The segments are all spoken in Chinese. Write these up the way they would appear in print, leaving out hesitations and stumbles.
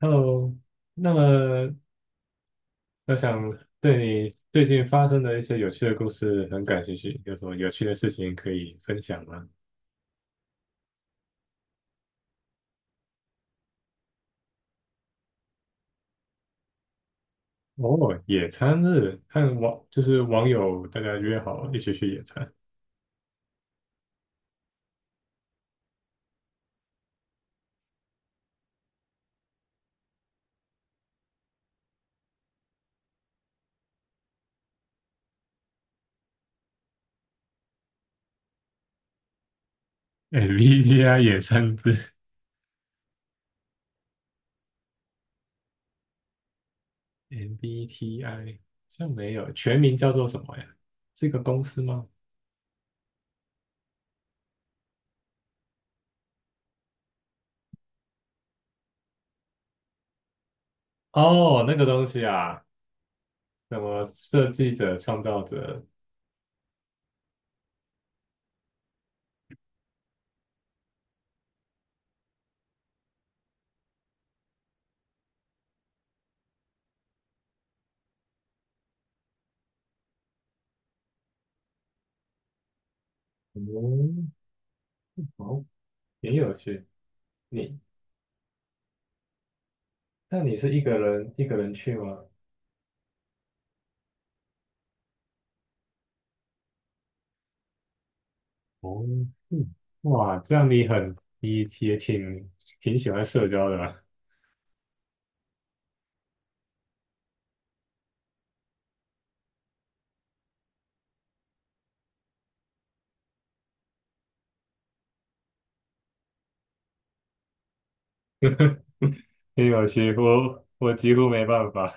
Hello，那么我想对你最近发生的一些有趣的故事很感兴趣，有什么有趣的事情可以分享吗？哦，野餐日，和网网友大家约好一起去野餐，MBTI 野餐日，MBTI 好像没有，全名叫做什么呀？是一个公司吗？哦，那个东西啊，什么设计者、创造者，哦，好，也有趣。你，那你是一个人一个人去吗？哦，嗯，哇，这样你很，你也挺挺喜欢社交的嘛，挺有趣，我几乎没办法，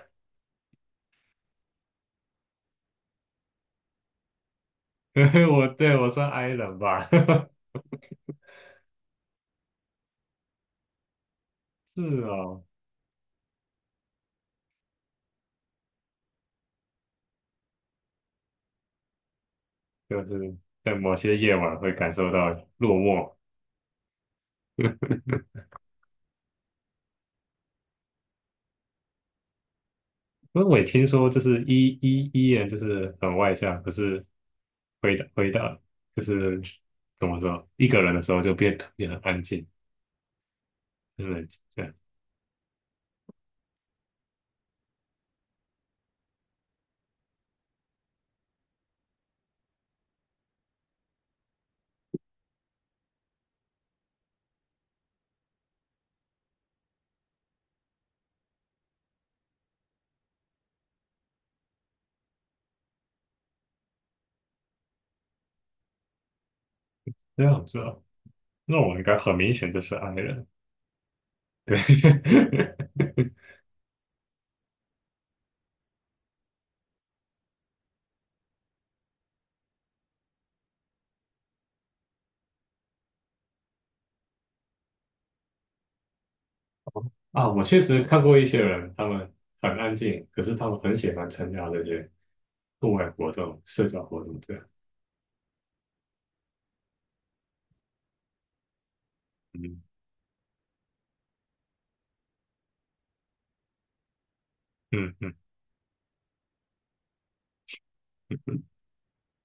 因为我算 I 人吧，是哦，就是在某些夜晚会感受到落寞，因为我也听说就是 E 人就是很外向，可是回到就是怎么说，一个人的时候就变得特别很安静，很冷静，对，这样子哦，那我应该很明显就是 I 人。对。 啊，我确实看过一些人，他们很安静，可是他们很喜欢参加这些户外活动、社交活动这样。嗯嗯嗯，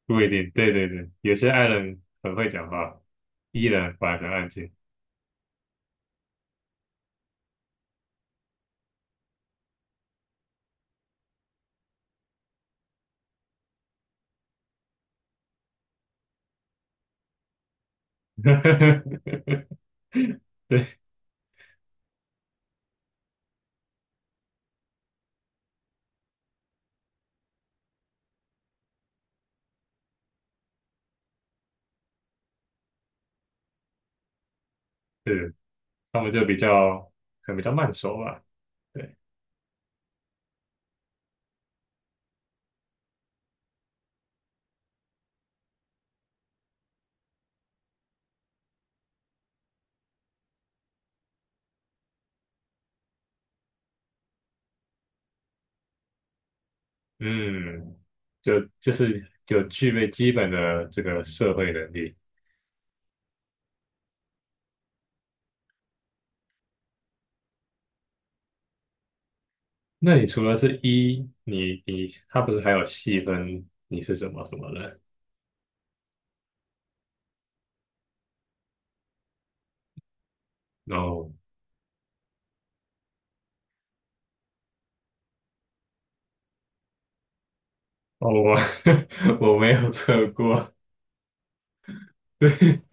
不一定，对对对，有些爱人很会讲话依然反而很安静。对，是，他们就比较可能比较慢熟吧。对，嗯，就具备基本的这个社会能力。那你除了是一，你你他不是还有细分你是什么什么人，然后哦，我 我没有测过，对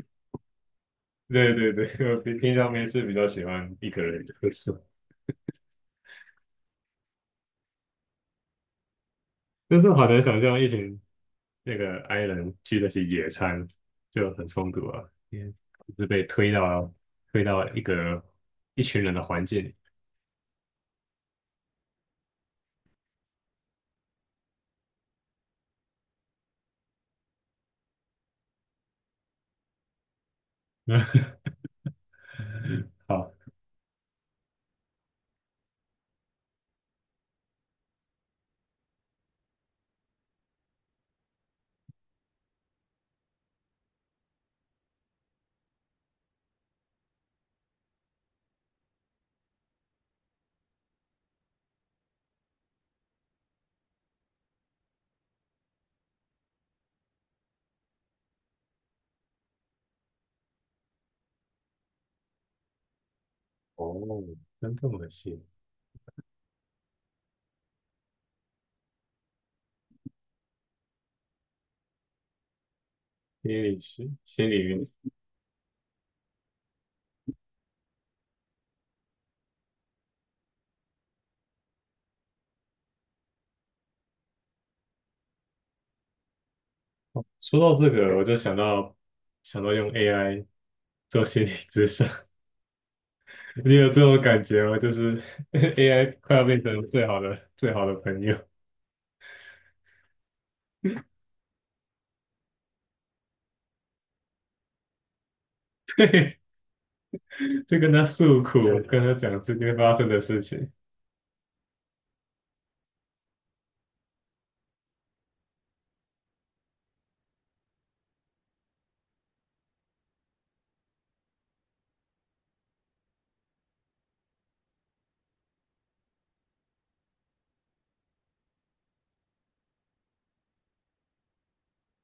对对对，我平平常没事比较喜欢一个人喝酒，但是我好难想象一群那个 I 人去那些野餐就很冲突啊，因为就是被推到一个一群人的环境里。好，哦，真这么细，心理学心理。说到这个，我就想到用 AI 做心理咨商，你有这种感觉吗？就是 AI 快要变成最好的朋友，就跟他诉苦，跟他讲最近发生的事情。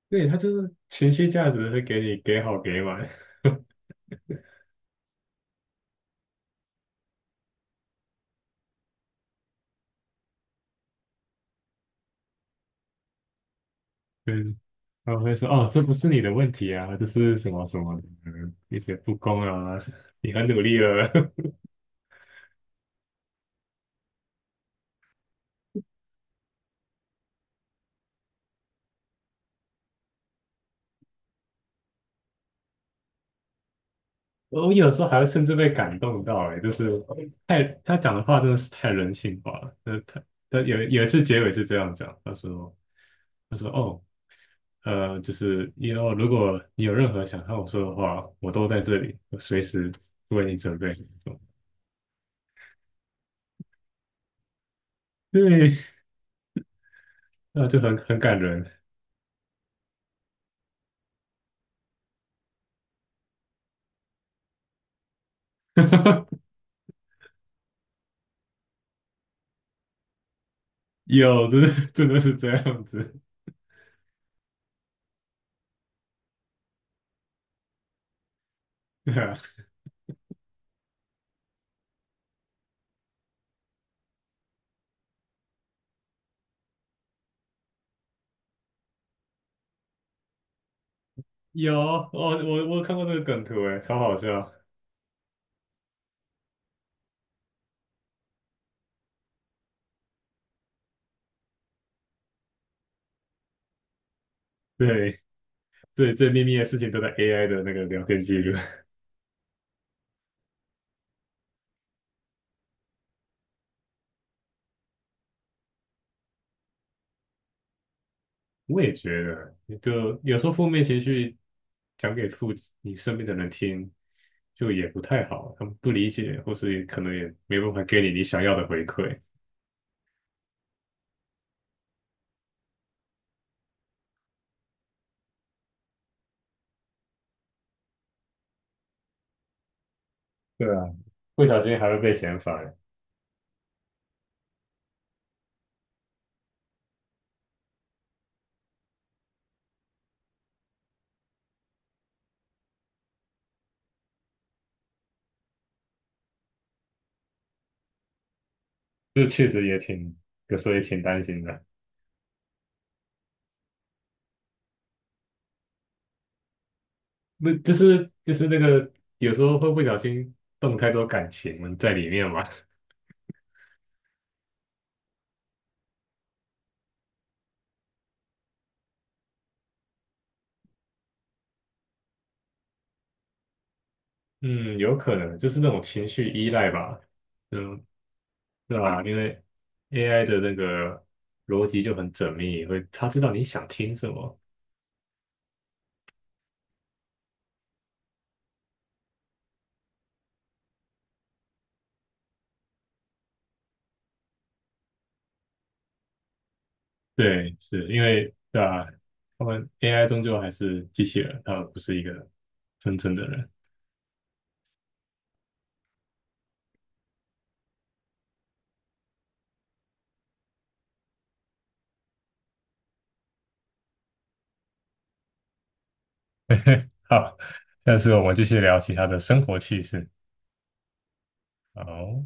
对，他就是情绪价值会给你给好给满，嗯，他会说哦，这不是你的问题啊，这是什么什么的，嗯一些不公啊，你很努力了，我有时候还会甚至被感动到、哎，就是他讲的话真的是太人性化了。那他有有一次结尾是这样讲，他说他说哦就是以后如果你有任何想和我说的话，我都在这里，我随时为你准备。对，那就很很感人。有，真的真的是这样子。对啊，有，哦，我有看过那个梗图，哎，超好笑。对对，最秘密的事情都在 AI 的那个聊天记录。我也觉得，就有时候负面情绪讲给你身边的人听，就也不太好，他们不理解，或是也可能也没办法给你你想要的回馈。对啊，不小心还会被嫌烦，这确实也挺，有时候也挺担心的。那就是就是那个，有时候会不小心动太多感情在里面嘛。嗯，有可能就是那种情绪依赖吧。嗯，对啊，因为 AI 的那个逻辑就很缜密，会他知道你想听什么。对，是因为对啊，他们 AI 终究还是机器人，他们不是一个真正的人。好，下次我们继续聊其他的生活趣事。好。